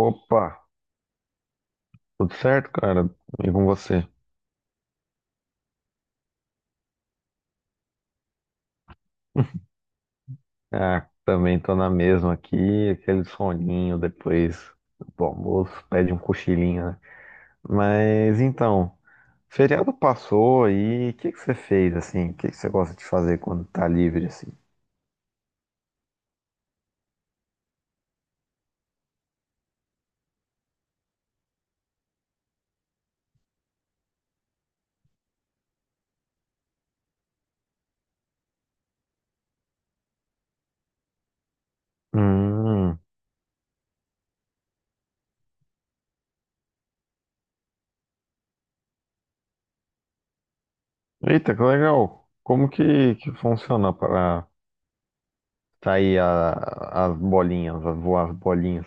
Opa, tudo certo, cara? E com você? Ah, também tô na mesma aqui, aquele soninho depois do almoço, pede um cochilinho, né? Mas então, feriado passou aí, o que que você fez assim? O que que você gosta de fazer quando tá livre assim? Hum, eita, que legal! Como que funciona para sair as bolinhas, a voar as bolinhas?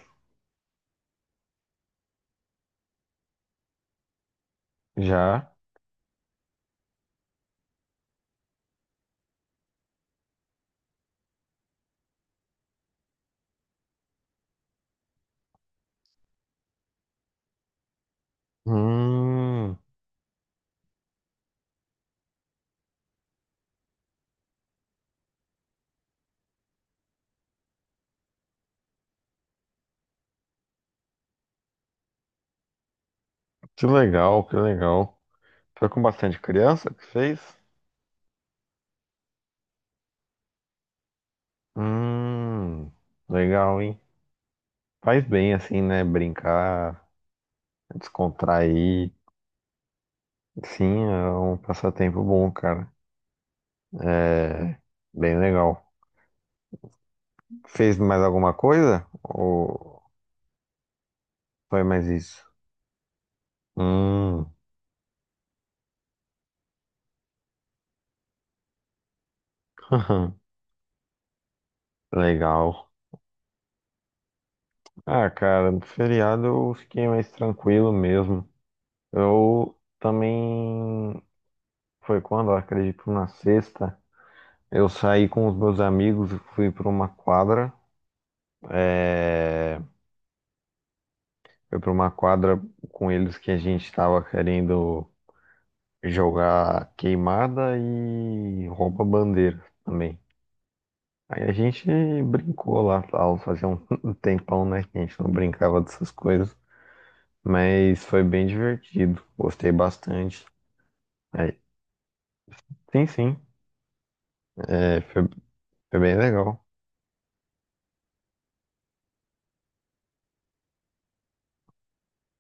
Já? Hum, que legal, que legal. Foi com bastante criança que fez? Hum, legal, hein? Faz bem assim, né? Brincar, descontrair. Sim, é um passatempo bom, cara. É bem legal. Fez mais alguma coisa? Ou foi mais isso? Hum, legal. Ah, cara, no feriado eu fiquei mais tranquilo mesmo. Eu também. Foi quando? Eu acredito na sexta. Eu saí com os meus amigos, é, fui para uma quadra com eles que a gente estava querendo jogar queimada e rouba-bandeira também. Aí a gente brincou lá, tal, fazia um um tempão, né, que a gente não brincava dessas coisas, mas foi bem divertido, gostei bastante. Aí, sim, sim, é, foi, foi bem legal.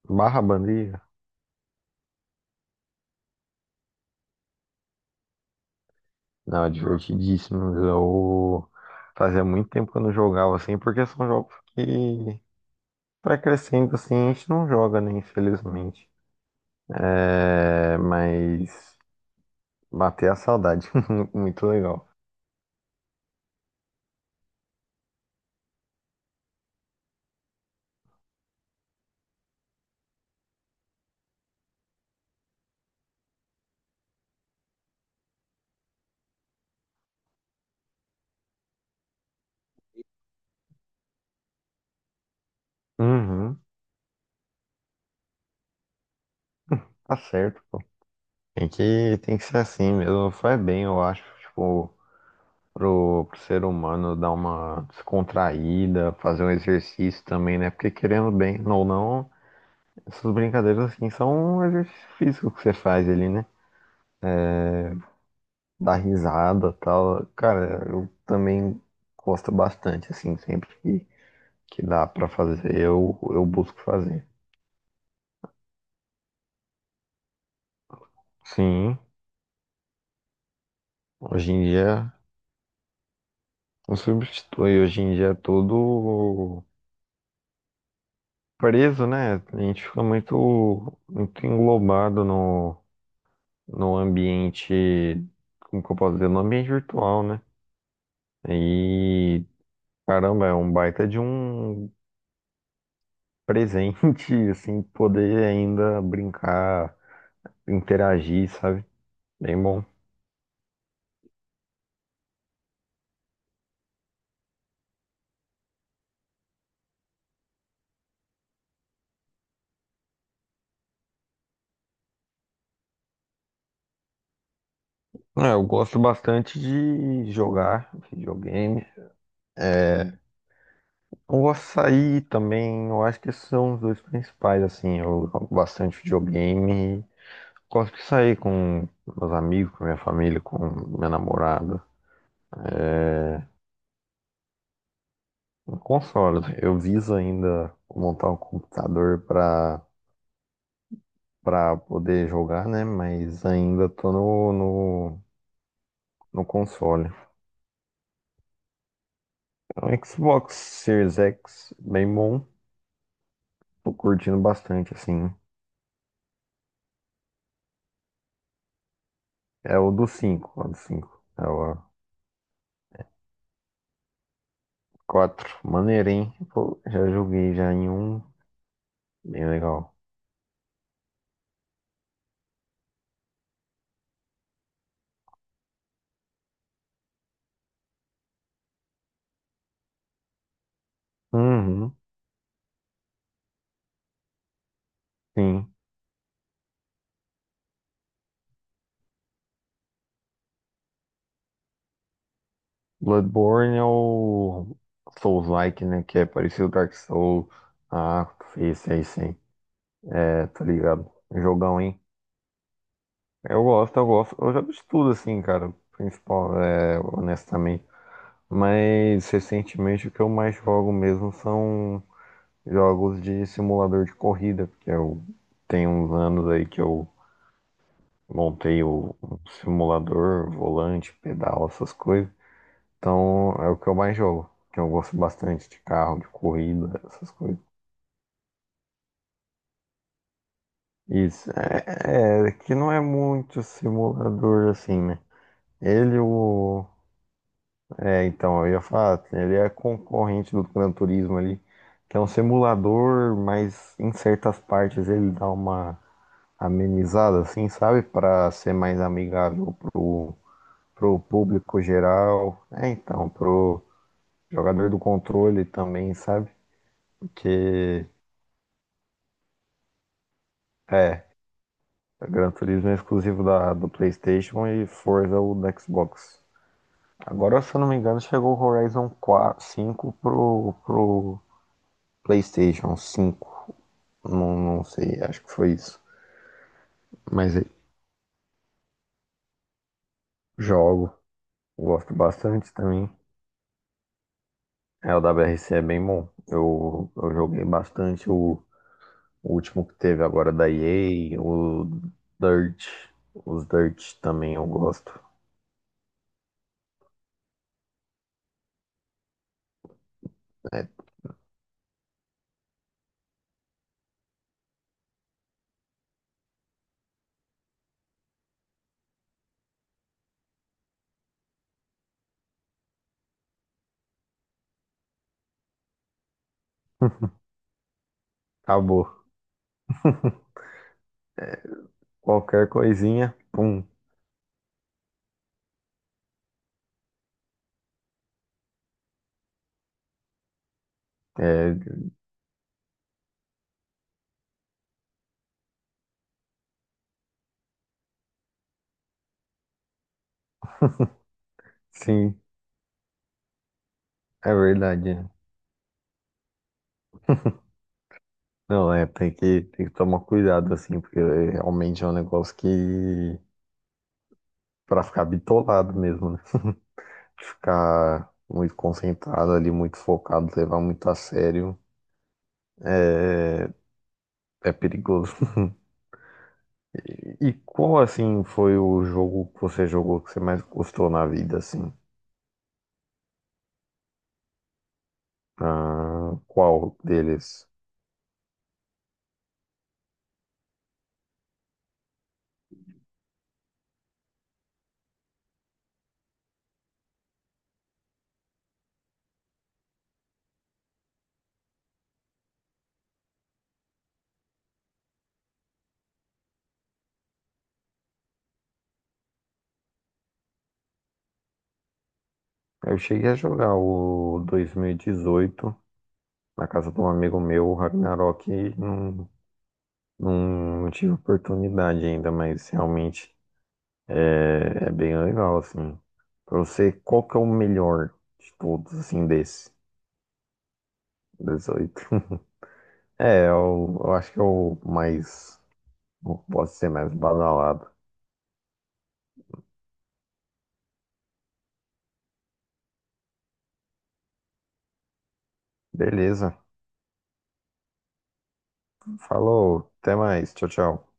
Barra bandeira. Não, é divertidíssimo. Eu fazia muito tempo que eu não jogava assim, porque são jogos que para crescendo assim a gente não joga, né, infelizmente. É, mas bater a saudade, muito legal. Uhum, tá certo, pô. Tem que ser assim mesmo, faz bem, eu acho, tipo, pro ser humano dar uma descontraída, fazer um exercício também, né? Porque querendo bem ou não, essas brincadeiras assim são um exercício físico que você faz ali, né? Dar risada e tal. Cara, eu também gosto bastante, assim, sempre que dá pra fazer, eu busco fazer. Sim, hoje em dia não substitui, hoje em dia é todo preso, né? A gente fica muito, muito englobado no ambiente, como que eu posso dizer, no ambiente virtual, né? E caramba, é um baita de um presente, assim, poder ainda brincar interagir, sabe? Bem bom. É, eu gosto bastante de jogar videogame. É, eu gosto de sair também. Eu acho que esses são os dois principais, assim. Eu jogo bastante videogame. Gosto de sair com meus amigos, com minha família, com minha namorada. É, um console. Eu viso ainda montar um computador para poder jogar, né? Mas ainda tô no, no console. O Xbox Series X, bem bom. Tô curtindo bastante, assim. É o do cinco, é o quatro. Maneiro, hein? Pô, já joguei já em um. Bem legal. Uhum, sim. Bloodborne é o Souls-like, né? Que é parecido com Dark Souls. Ah, esse aí sim. É, tá ligado? Jogão, hein? Eu gosto, eu gosto. Eu já vi de tudo, assim, cara. Principal, é, honestamente. Mas recentemente o que eu mais jogo mesmo são jogos de simulador de corrida, porque eu tenho uns anos aí que eu montei o um simulador, volante, pedal, essas coisas. Então é o que eu mais jogo, que eu gosto bastante de carro, de corrida, essas coisas. Isso, é que não é muito simulador assim, né? Ele, o. É, então, eu ia falar, ele é concorrente do Gran Turismo ali, que é um simulador, mas em certas partes ele dá uma amenizada, assim, sabe? Para ser mais amigável pro público geral. É, então, pro jogador do controle também, sabe? Porque, é, Gran Turismo é exclusivo da, do PlayStation e Forza o do Xbox. Agora, se eu não me engano, chegou o Horizon 4, 5 pro PlayStation 5. Não, não sei, acho que foi isso. Mas é, jogo, gosto bastante também. É, o WRC é bem bom. Eu joguei bastante o último que teve agora da EA, o Dirt. Os Dirt também eu gosto. É, acabou. Qualquer coisinha, pum. É, sim, é verdade, né? Não, tem que tomar cuidado, assim, porque realmente é um negócio que, pra ficar bitolado mesmo, né? Ficar muito concentrado ali, muito focado, levar muito a sério, é perigoso. E qual assim foi o jogo que você jogou que você mais gostou na vida assim? Ah, qual deles? Eu cheguei a jogar o 2018 na casa de um amigo meu, o Ragnarok, e não, não, não tive oportunidade ainda, mas realmente é bem legal assim. Pra você, qual que é o melhor de todos assim desse 18? É, eu acho que é o mais, posso ser mais badalado. Beleza. Falou, até mais. Tchau, tchau.